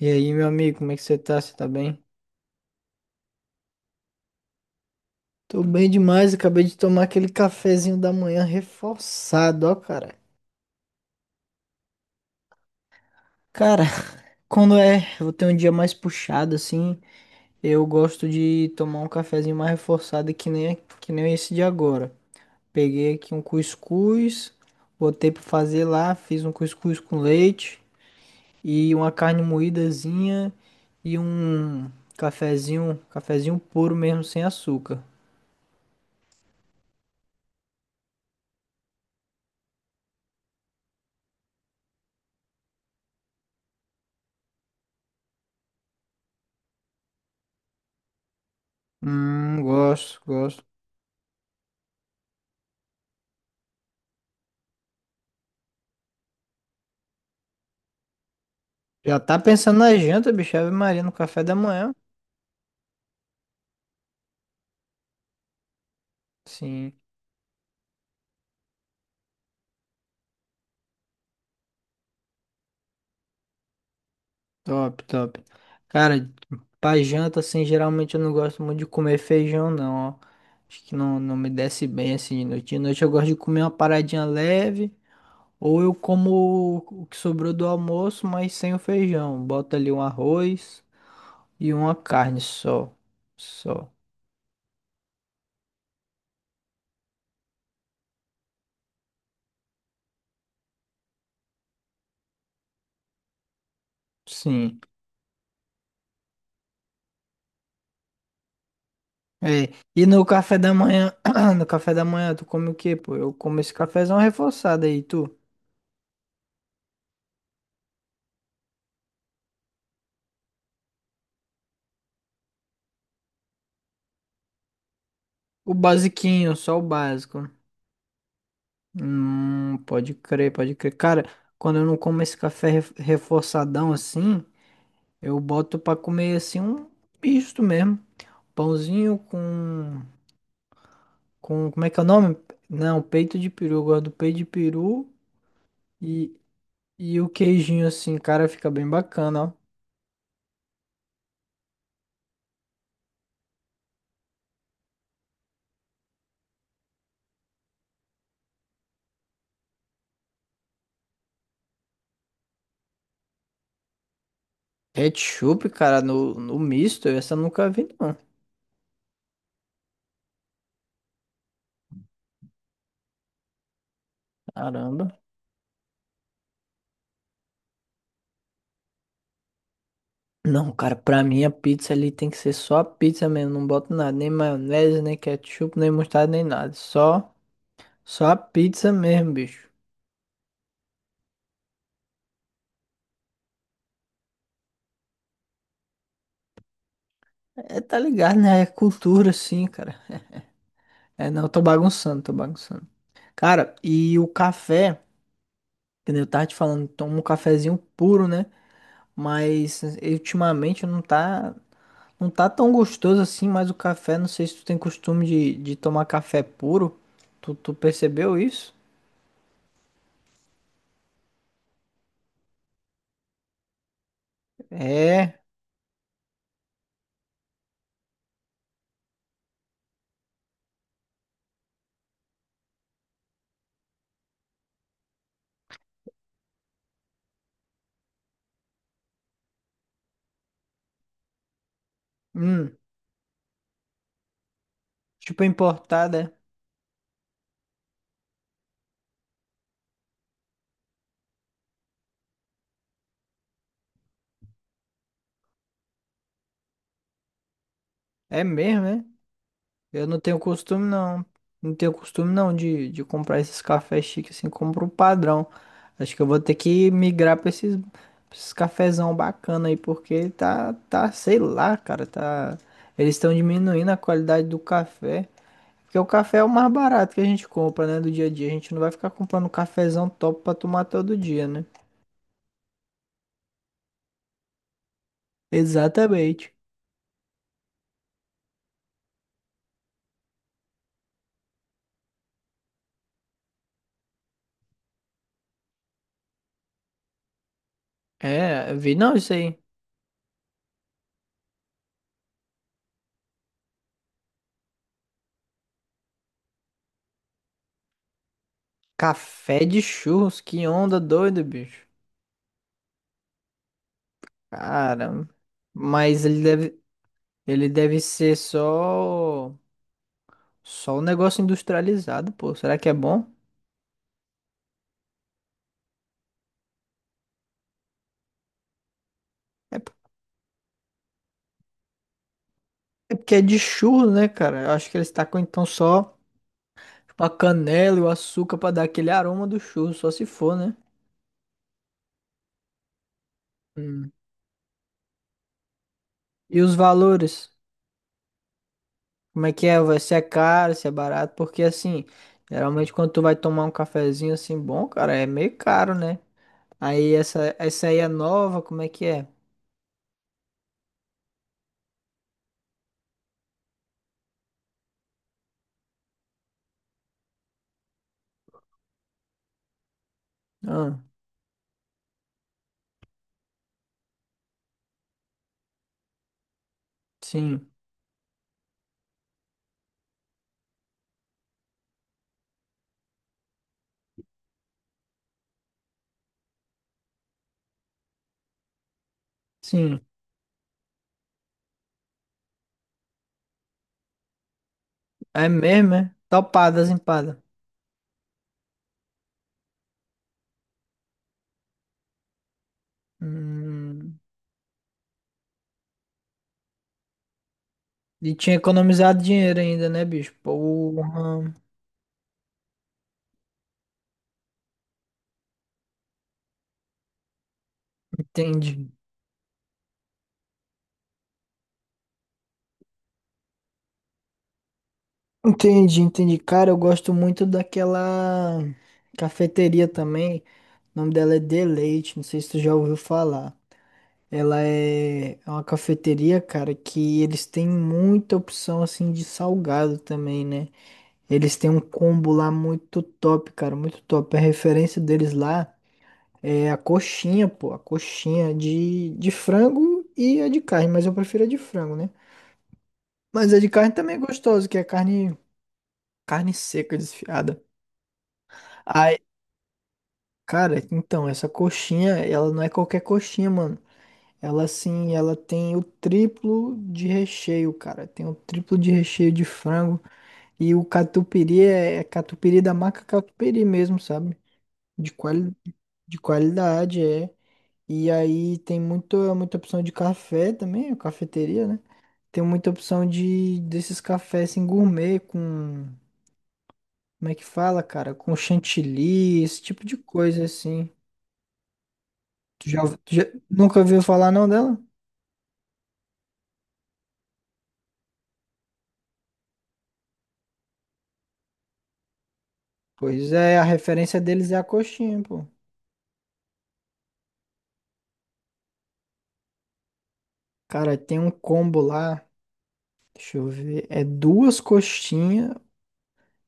E aí, meu amigo, como é que você tá? Você tá bem? Tô bem demais, acabei de tomar aquele cafezinho da manhã reforçado, ó, cara. Cara, quando é, eu tenho um dia mais puxado assim, eu gosto de tomar um cafezinho mais reforçado que nem esse de agora. Peguei aqui um cuscuz, botei pra fazer lá, fiz um cuscuz com leite e uma carne moídazinha e um cafezinho, cafezinho puro mesmo sem açúcar. Gosto, gosto. Já tá pensando na janta, bicho. Ave Maria no café da manhã. Sim, top, top. Cara, pra janta, assim, geralmente eu não gosto muito de comer feijão, não, ó. Acho que não me desce bem, assim, de noite. De noite eu gosto de comer uma paradinha leve, ou eu como o que sobrou do almoço, mas sem o feijão. Bota ali um arroz e uma carne só. Só. Sim. É, e no café da manhã, no café da manhã, tu come o quê, pô? Eu como esse cafezão reforçado aí, tu? O basiquinho, só o básico. Pode crer, pode crer. Cara, quando eu não como esse reforçadão assim, eu boto pra comer assim um misto mesmo. Pãozinho com, como é que é o nome? Não, peito de peru. Eu gosto do peito de peru e, e o queijinho assim, cara, fica bem bacana, ó. Ketchup, cara, no misto, essa eu nunca vi, não. Caramba. Não, cara, pra mim a pizza ali tem que ser só a pizza mesmo, não boto nada, nem maionese, nem ketchup, nem mostarda, nem nada. Só a pizza mesmo, bicho. É, tá ligado, né? É cultura, sim, cara. É, não, eu tô bagunçando, tô bagunçando. Cara, e o café, que nem eu tava te falando, tomo um cafezinho puro, né? Mas ultimamente não tá tão gostoso assim, mas o café, não sei se tu tem costume de tomar café puro. Tu percebeu isso? É. Hum. Tipo é importada. É mesmo, né? Eu não tenho costume, não. Não tenho costume, não, de comprar esses cafés chiques assim, compro o padrão. Acho que eu vou ter que migrar pra pra esses cafezão bacana aí, porque sei lá, cara, tá... Eles estão diminuindo a qualidade do café. Porque o café é o mais barato que a gente compra, né, do dia a dia. A gente não vai ficar comprando cafezão top pra tomar todo dia, né? Exatamente. É, eu vi não isso aí. Café de churros, que onda doida, bicho. Cara, mas ele deve ser só, só um negócio industrializado, pô. Será que é bom? É, p- é porque é de churro, né, cara? Eu acho que eles tacam então só a canela e o açúcar pra dar aquele aroma do churro, só se for, né? Hum. E os valores? Como é que é? Vai ser caro, se é barato? Porque assim, geralmente quando tu vai tomar um cafezinho assim bom, cara, é meio caro, né? Aí essa aí é nova, como é que é? Ah, sim, sim. É mesmo, é? Topadas empadas. Hum, e tinha economizado dinheiro ainda, né, bicho? Porra, entendi. Entendi, entendi. Cara, eu gosto muito daquela cafeteria também. O nome dela é Deleite, não sei se tu já ouviu falar. Ela é uma cafeteria, cara, que eles têm muita opção assim de salgado também, né? Eles têm um combo lá muito top, cara, muito top. A referência deles lá. É a coxinha, pô, a coxinha de frango e a de carne, mas eu prefiro a de frango, né? Mas a de carne também é gostosa, que é carne, carne seca, desfiada. Ai, cara, então, essa coxinha, ela não é qualquer coxinha, mano. Ela, assim, ela tem o triplo de recheio, cara. Tem o triplo de recheio de frango. E o catupiry é catupiry da marca catupiry mesmo, sabe? De, quali, de qualidade, é. E aí tem muita opção de café também, a cafeteria, né? Tem muita opção de desses cafés assim, gourmet, como é que fala, cara? Com chantilly, esse tipo de coisa assim. Tu já, ouvi- tu já- nunca ouviu falar não dela? Pois é, a referência deles é a coxinha, pô. Cara, tem um combo lá, deixa eu ver, é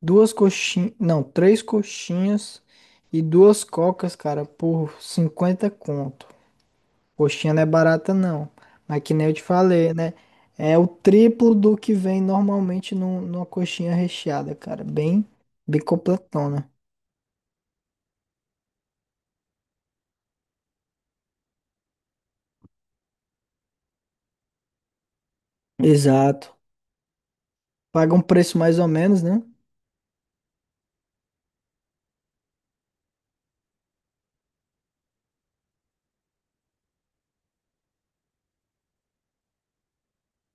duas coxinhas, não, três coxinhas e duas cocas, cara, por 50 conto. Coxinha não é barata, não. Mas que nem eu te falei, né? É o triplo do que vem normalmente numa coxinha recheada, cara. Bem completona. Exato. Paga um preço mais ou menos, né?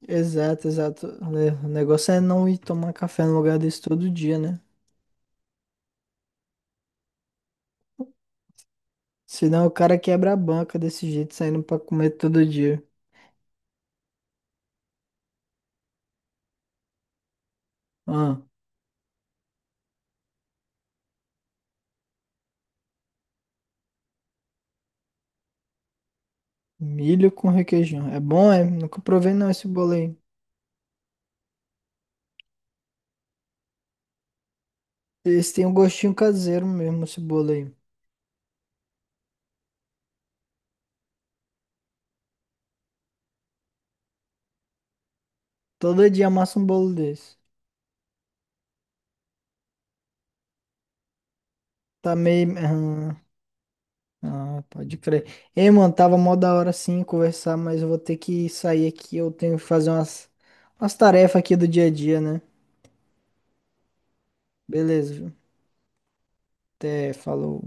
Exato, exato. É, o negócio é não ir tomar café no lugar desse todo dia, né? Senão o cara quebra a banca desse jeito, saindo pra comer todo dia. Ah, milho com requeijão. É bom, é? Nunca provei não esse bolo aí. Eles têm um gostinho caseiro mesmo, esse bolo aí. Todo dia amassa um bolo desse. Tá meio. Ah, pode crer. Ei, mano, tava mó da hora sim conversar, mas eu vou ter que sair aqui. Eu tenho que fazer umas tarefas aqui do dia a dia, né? Beleza, viu? Até falou.